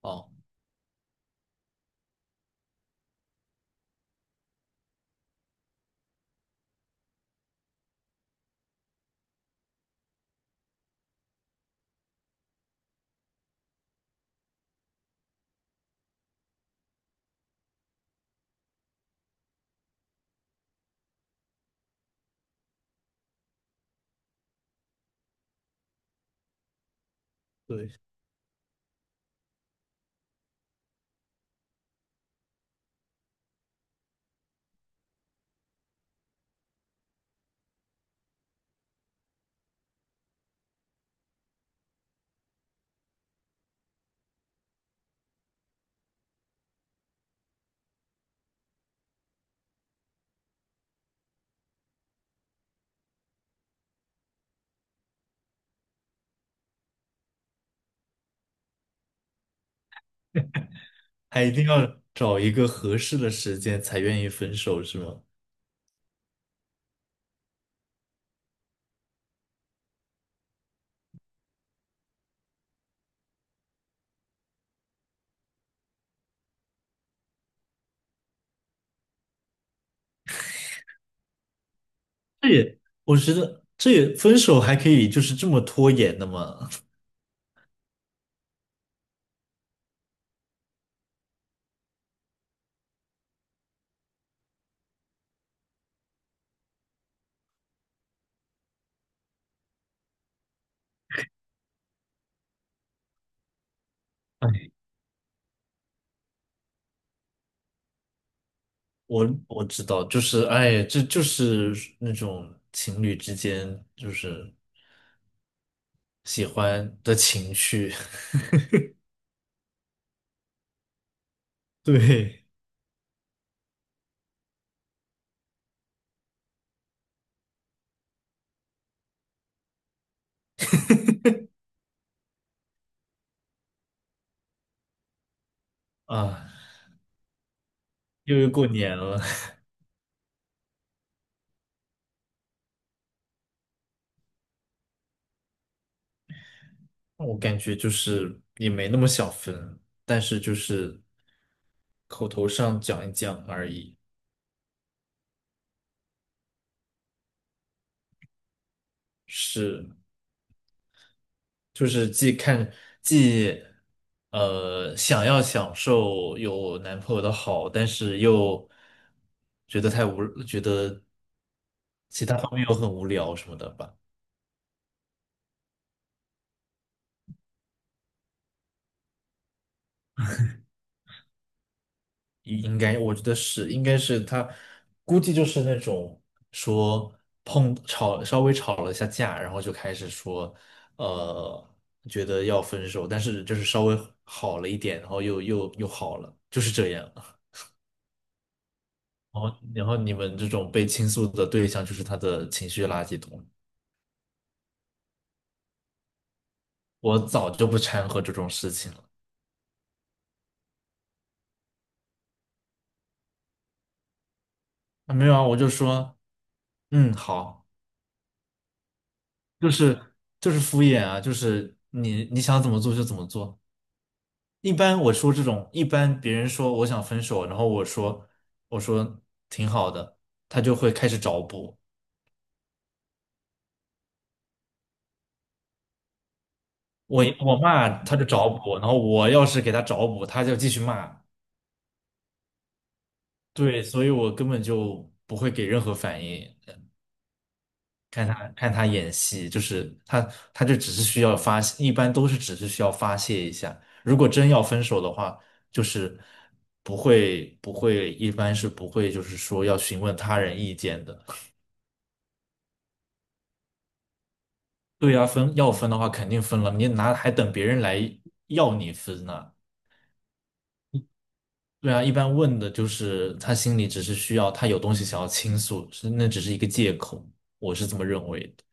哦，对，还一定要找一个合适的时间才愿意分手，是吗？这也，我觉得这也分手还可以就是这么拖延的吗？哎，我知道，就是哎，这就是那种情侣之间就是喜欢的情绪。对啊，又过年了。我感觉就是也没那么想分，但是就是口头上讲一讲而已。是。就是既看既想要享受有男朋友的好，但是又觉得太无，觉得其他方面又很无聊什么的吧。应该我觉得是，应该是他估计就是那种说稍微吵了一下架，然后就开始说呃觉得要分手，但是就是稍微好了一点，然后又好了，就是这样。哦，然后你们这种被倾诉的对象就是他的情绪垃圾桶。我早就不掺和这种事情了。啊，没有啊，我就说，嗯，好，就是敷衍啊，就是你想怎么做就怎么做。一般我说这种，一般别人说我想分手，然后我说挺好的，他就会开始找补。我骂他就找补，然后我要是给他找补，他就继续骂。对，所以我根本就不会给任何反应。看他演戏，就是他就只是需要发泄，一般都是只是需要发泄一下。如果真要分手的话，就是不会，一般是不会，就是说要询问他人意见的。对啊，分要分的话肯定分了，你哪还等别人来要你分呢？对啊，一般问的就是他心里只是需要他有东西想要倾诉，是那只是一个借口，我是这么认为的。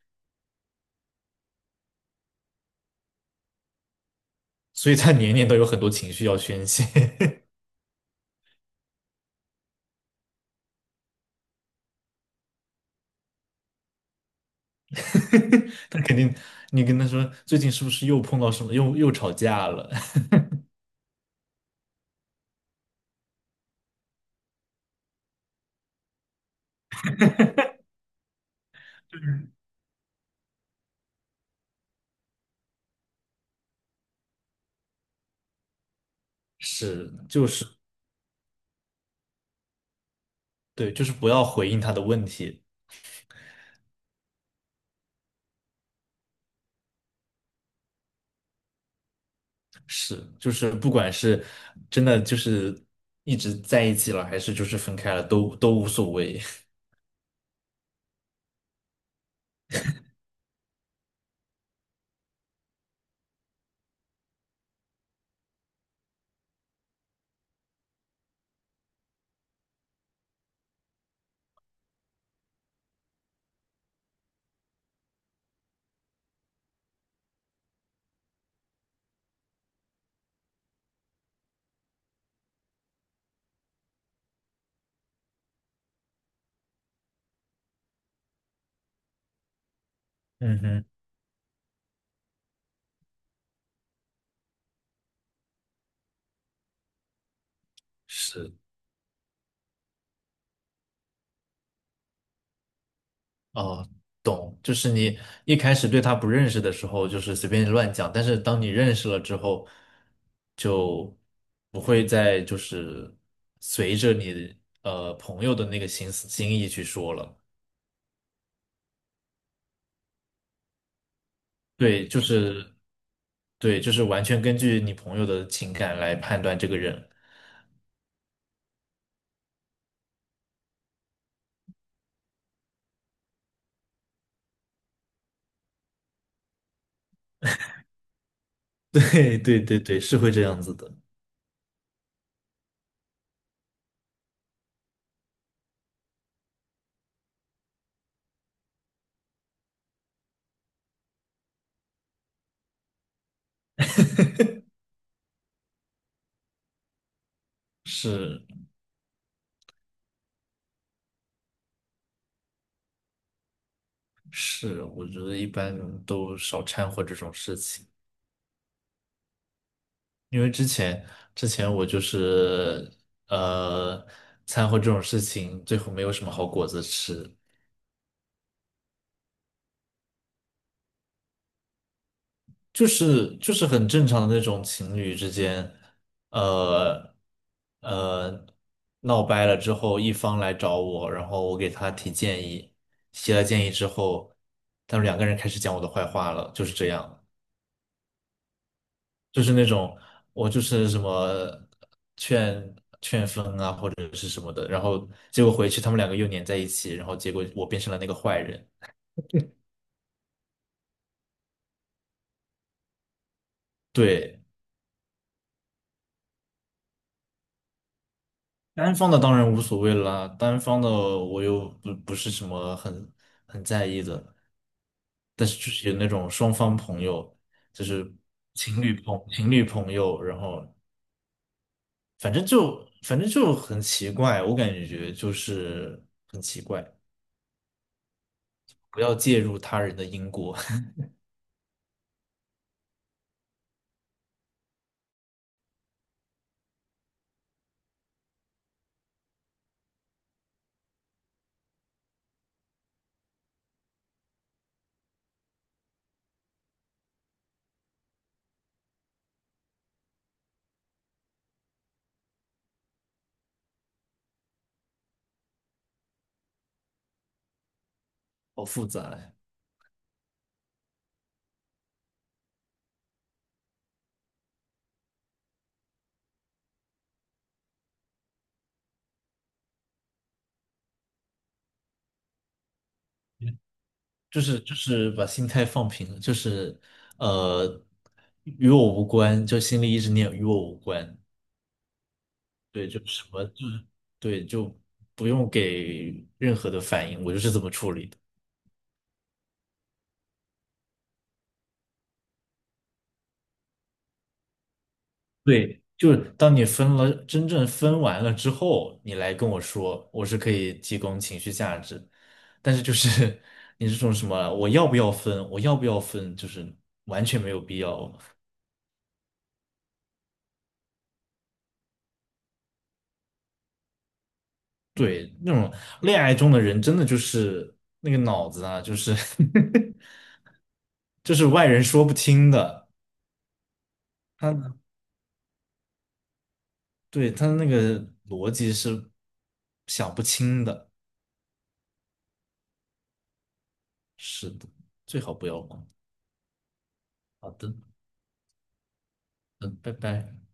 所以他年年都有很多情绪要宣泄。他肯定，你跟他说最近是不是又碰到什么，又吵架了？是，就是对，就是不要回应他的问题。是，就是不管是真的就是一直在一起了，还是就是分开了，都无所谓。嗯哼，是。哦，懂，就是你一开始对他不认识的时候，就是随便乱讲，但是当你认识了之后，就不会再就是随着你朋友的那个心意去说了。对，就是对，就是完全根据你朋友的情感来判断这个人。对，是会这样子的。是是，我觉得一般人都少掺和这种事情。因为之前我就是呃掺和这种事情，最后没有什么好果子吃，就是就是很正常的那种情侣之间，呃呃闹掰了之后，一方来找我，然后我给他提建议，提了建议之后，他们两个人开始讲我的坏话了，就是这样。就是那种我就是什么劝。是什么的，然后结果回去他们两个又粘在一起，然后结果我变成了那个坏人。对，单方的当然无所谓啦，单方的我又不不是什么很很在意的，但是就是有那种双方朋友，就是情侣朋友，然后反正就很奇怪，我感觉就是很奇怪，不要介入他人的因果。好复杂呀。就是把心态放平了，就是呃，与我无关，就心里一直念与我无关。对，就什么就是对，就不用给任何的反应，我就是这么处理的。对，就是当你分了，真正分完了之后，你来跟我说，我是可以提供情绪价值，但是就是 你这种什么我要不要分，我要不要分，就是完全没有必要。对，那种恋爱中的人，真的就是那个脑子啊，就是 就是外人说不清的。他对他那个逻辑是想不清的。是的，最好不要管。好的，嗯，拜拜。